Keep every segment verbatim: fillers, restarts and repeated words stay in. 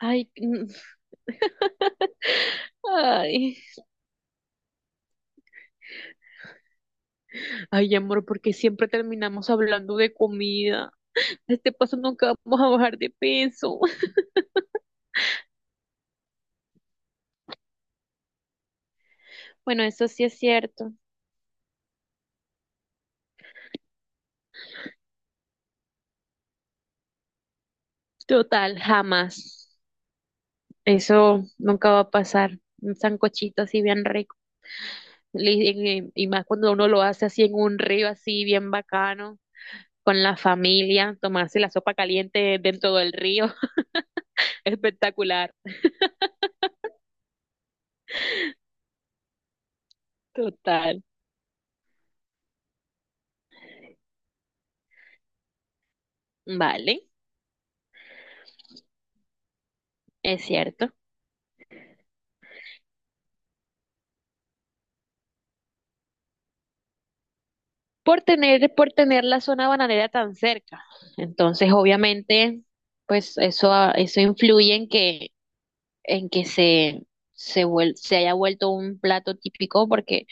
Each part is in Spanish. Ay, mm, ay, ay, amor, porque siempre terminamos hablando de comida. A este paso nunca vamos a bajar de peso. Bueno, eso sí es cierto. Total, jamás. Eso nunca va a pasar. Un sancochito así bien rico. Le- en- Y más cuando uno lo hace así en un río, así bien bacano, con la familia, tomarse la sopa caliente dentro del río. Espectacular. Total. Vale. Es cierto. por tener, por tener la zona bananera tan cerca. Entonces, obviamente, pues eso, a- eso influye en que, en que se, se, vuel- se haya vuelto un plato típico, porque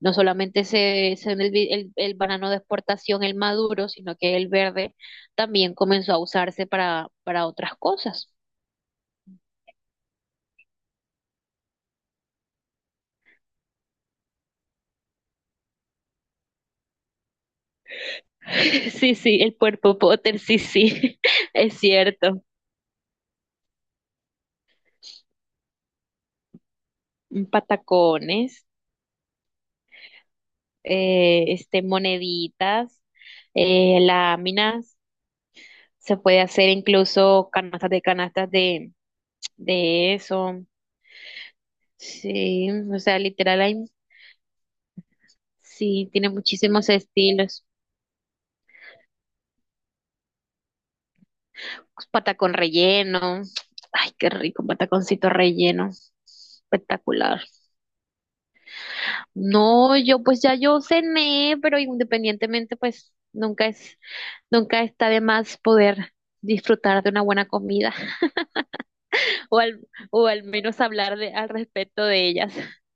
no solamente se, se el, vi- el, el banano de exportación, el maduro, sino que el verde también comenzó a usarse para, para otras cosas. Sí, sí, el puerpo Potter, sí, sí, es cierto. Patacones. Eh, este, moneditas, eh, láminas, se puede hacer incluso canastas de canastas de, de eso. Sí, o sea, literal, hay, sí, tiene muchísimos estilos. Patacón relleno. Ay, qué rico, un pataconcito relleno. Espectacular. No, yo pues ya yo cené, pero independientemente, pues nunca es, nunca está de más poder disfrutar de una buena comida. O al, o al menos hablar de, al respecto de ellas.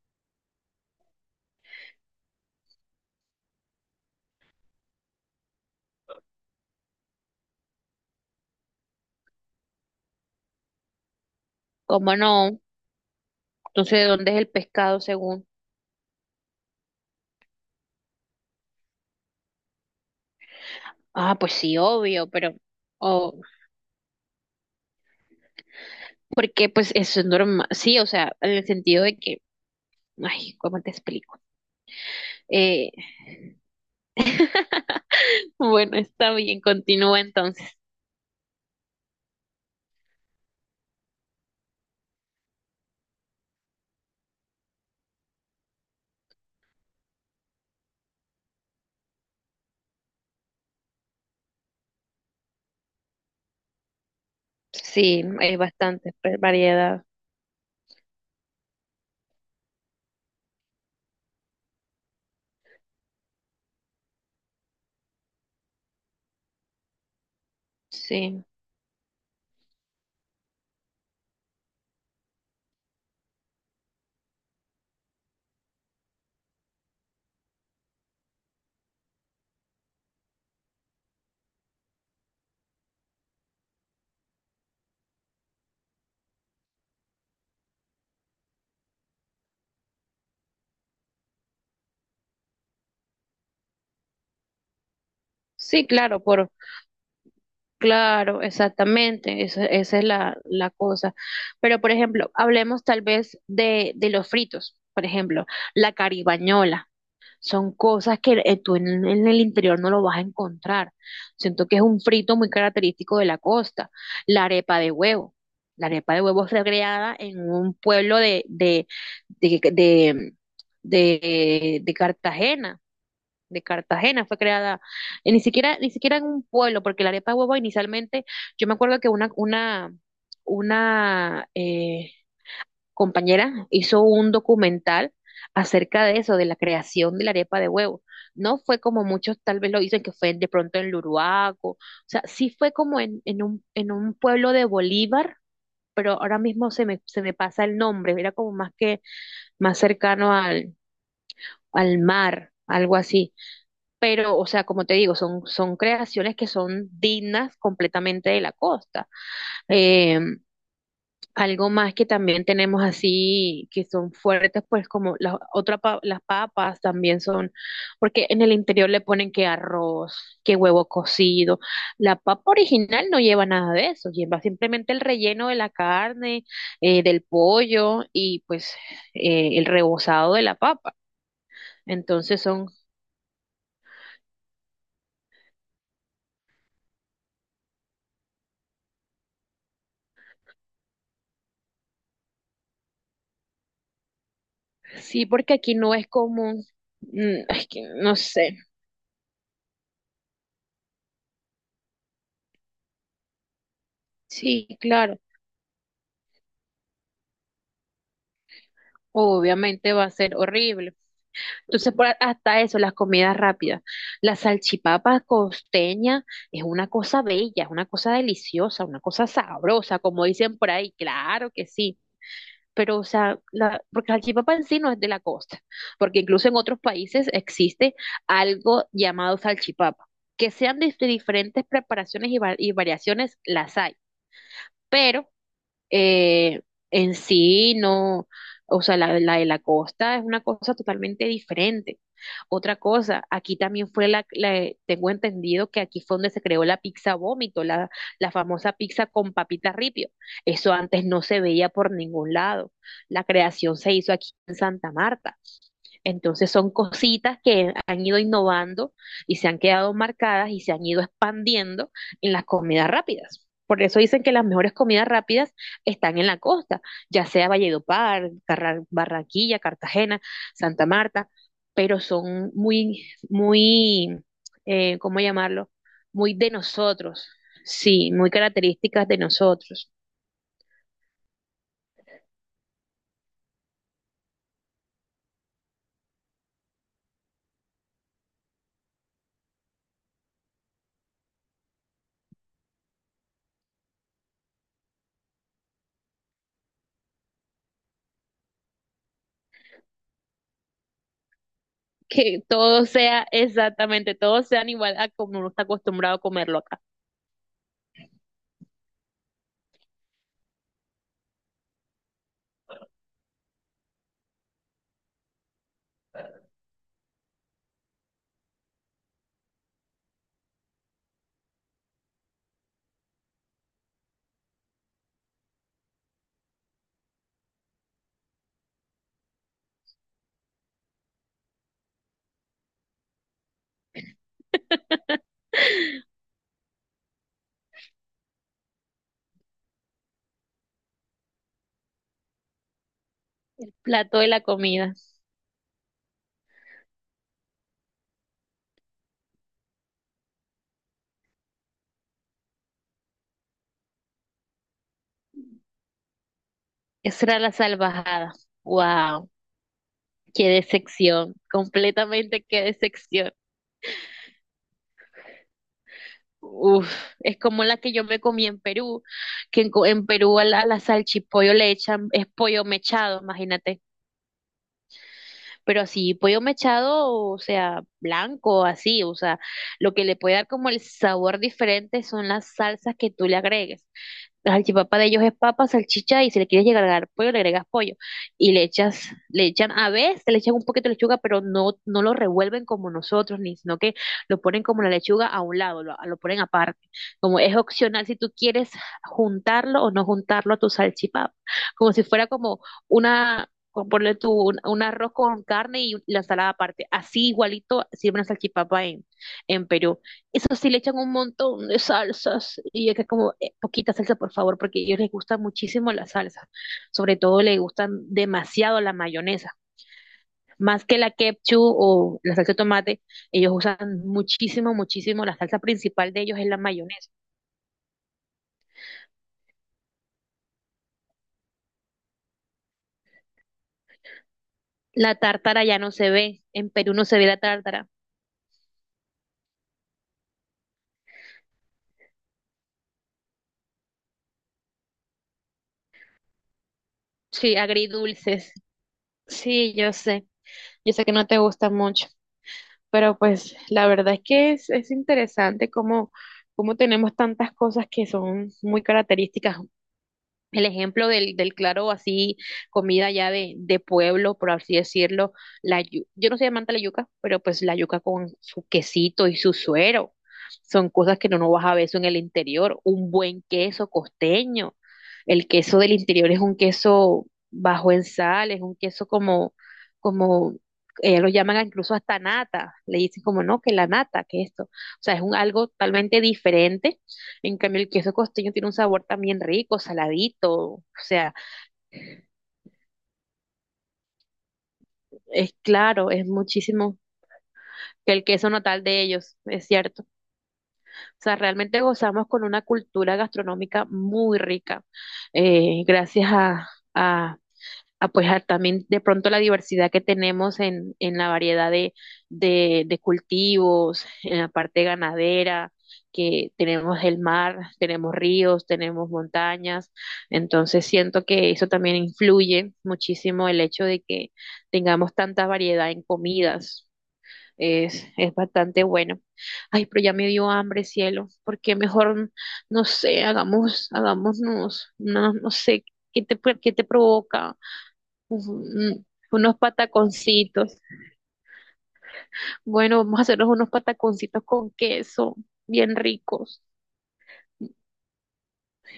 ¿Cómo no? Entonces, ¿de dónde es el pescado según? Ah, pues sí, obvio, pero, o, porque pues eso es normal, sí, o sea, en el sentido de que, ay, ¿cómo te explico? Eh, bueno, está bien, continúa entonces. Sí, hay bastante pues, variedad, sí. Sí, claro, por, claro, exactamente, esa, esa es la, la cosa. Pero, por ejemplo, hablemos tal vez de, de los fritos, por ejemplo, la caribañola. Son cosas que eh, tú en, en el interior no lo vas a encontrar. Siento que es un frito muy característico de la costa. La arepa de huevo. La arepa de huevo fue creada en un pueblo de, de, de, de, de de Cartagena. De Cartagena, fue creada, eh, ni siquiera, ni siquiera en un pueblo, porque la arepa de huevo inicialmente, yo me acuerdo que una, una, una eh, compañera hizo un documental acerca de eso, de la creación de la arepa de huevo. No fue como muchos tal vez lo dicen que fue de pronto en Luruaco, o sea, sí fue como en, en un, en un pueblo de Bolívar, pero ahora mismo se me, se me pasa el nombre, era como más que más cercano al, al mar, algo así. Pero, o sea, como te digo, son, son creaciones que son dignas completamente de la costa. Eh, Algo más que también tenemos así, que son fuertes, pues como las otra pa- las papas también son, porque en el interior le ponen que arroz, que huevo cocido. La papa original no lleva nada de eso, lleva simplemente el relleno de la carne, eh, del pollo y pues eh, el rebozado de la papa. Entonces son. Sí, porque aquí no es común. Mm, es que no sé. Sí, claro. Obviamente va a ser horrible. Entonces, por a- hasta eso, las comidas rápidas. La salchipapa costeña es una cosa bella, es una cosa deliciosa, una cosa sabrosa, como dicen por ahí. Claro que sí. Pero, o sea, la, porque la salchipapa en sí no es de la costa, porque incluso en otros países existe algo llamado salchipapa. Que sean de diferentes preparaciones y va- y variaciones, las hay. Pero eh, en sí no, o sea, la, la de la costa es una cosa totalmente diferente. Otra cosa, aquí también fue la, la- tengo entendido que aquí fue donde se creó la pizza vómito, la, la famosa pizza con papita ripio. Eso antes no se veía por ningún lado. La creación se hizo aquí en Santa Marta. Entonces son cositas que han ido innovando y se han quedado marcadas y se han ido expandiendo en las comidas rápidas. Por eso dicen que las mejores comidas rápidas están en la costa, ya sea Valledupar, Carra- Barranquilla, Cartagena, Santa Marta, pero son muy, muy, eh, ¿cómo llamarlo? Muy de nosotros, sí, muy características de nosotros. Que todo sea exactamente, todo sean igual a como uno está acostumbrado a comerlo acá. El plato de la comida. Esa era la salvajada. Wow, qué decepción. Completamente qué decepción. Uf, es como la que yo me comí en Perú, que en, co- en Perú a la, a la salchipollo le echan, es pollo mechado, imagínate. Pero así, pollo mechado, o sea, blanco, así, o sea, lo que le puede dar como el sabor diferente son las salsas que tú le agregues. La salchipapa de ellos es papa, salchicha y si le quieres llegar a agregar pollo, le agregas pollo. Y le echas, le echan, a veces le echan un poquito de lechuga, pero no, no lo revuelven como nosotros, ni sino que lo ponen como la lechuga a un lado, lo, lo ponen aparte. Como es opcional si tú quieres juntarlo o no juntarlo a tu salchipapa. Como si fuera como una, como ponle tú un, un arroz con carne y la ensalada aparte. Así igualito sirve una salchipapa en, en Perú. Eso sí le echan un montón de salsas y es que es como, poquita salsa, por favor, porque a ellos les gusta muchísimo la salsa. Sobre todo les gustan demasiado la mayonesa. Más que la ketchup o la salsa de tomate, ellos usan muchísimo, muchísimo. La salsa principal de ellos es la mayonesa. La tártara ya no se ve. En Perú no se ve la tártara. Sí, agridulces. Sí, yo sé. Yo sé que no te gusta mucho. Pero pues la verdad es que es, es interesante cómo, cómo tenemos tantas cosas que son muy características. El ejemplo del, del claro, así, comida ya de, de pueblo, por así decirlo, la yu- yo no soy amante de la yuca, pero pues la yuca con su quesito y su suero, son cosas que no, no vas a ver eso en el interior, un buen queso costeño, el queso del interior es un queso bajo en sal, es un queso como, como, ellos lo llaman incluso hasta nata, le dicen como no, que la nata, que esto, o sea, es un algo totalmente diferente. En cambio, el queso costeño tiene un sabor también rico, saladito, o sea, es claro, es muchísimo que el queso natal de ellos, es cierto. O sea, realmente gozamos con una cultura gastronómica muy rica, eh, gracias a, a a, pues a también de pronto la diversidad que tenemos en, en la variedad de, de, de cultivos, en la parte ganadera, que tenemos el mar, tenemos ríos, tenemos montañas, entonces siento que eso también influye muchísimo el hecho de que tengamos tanta variedad en comidas. Es, es bastante bueno. Ay, pero ya me dio hambre, cielo. ¿Por qué mejor, no sé, hagamos, hagámonos, no, no sé, ¿qué te, qué te provoca? Uf, mm, unos pataconcitos. Bueno, vamos a hacernos unos pataconcitos con queso, bien ricos.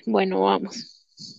Bueno, vamos.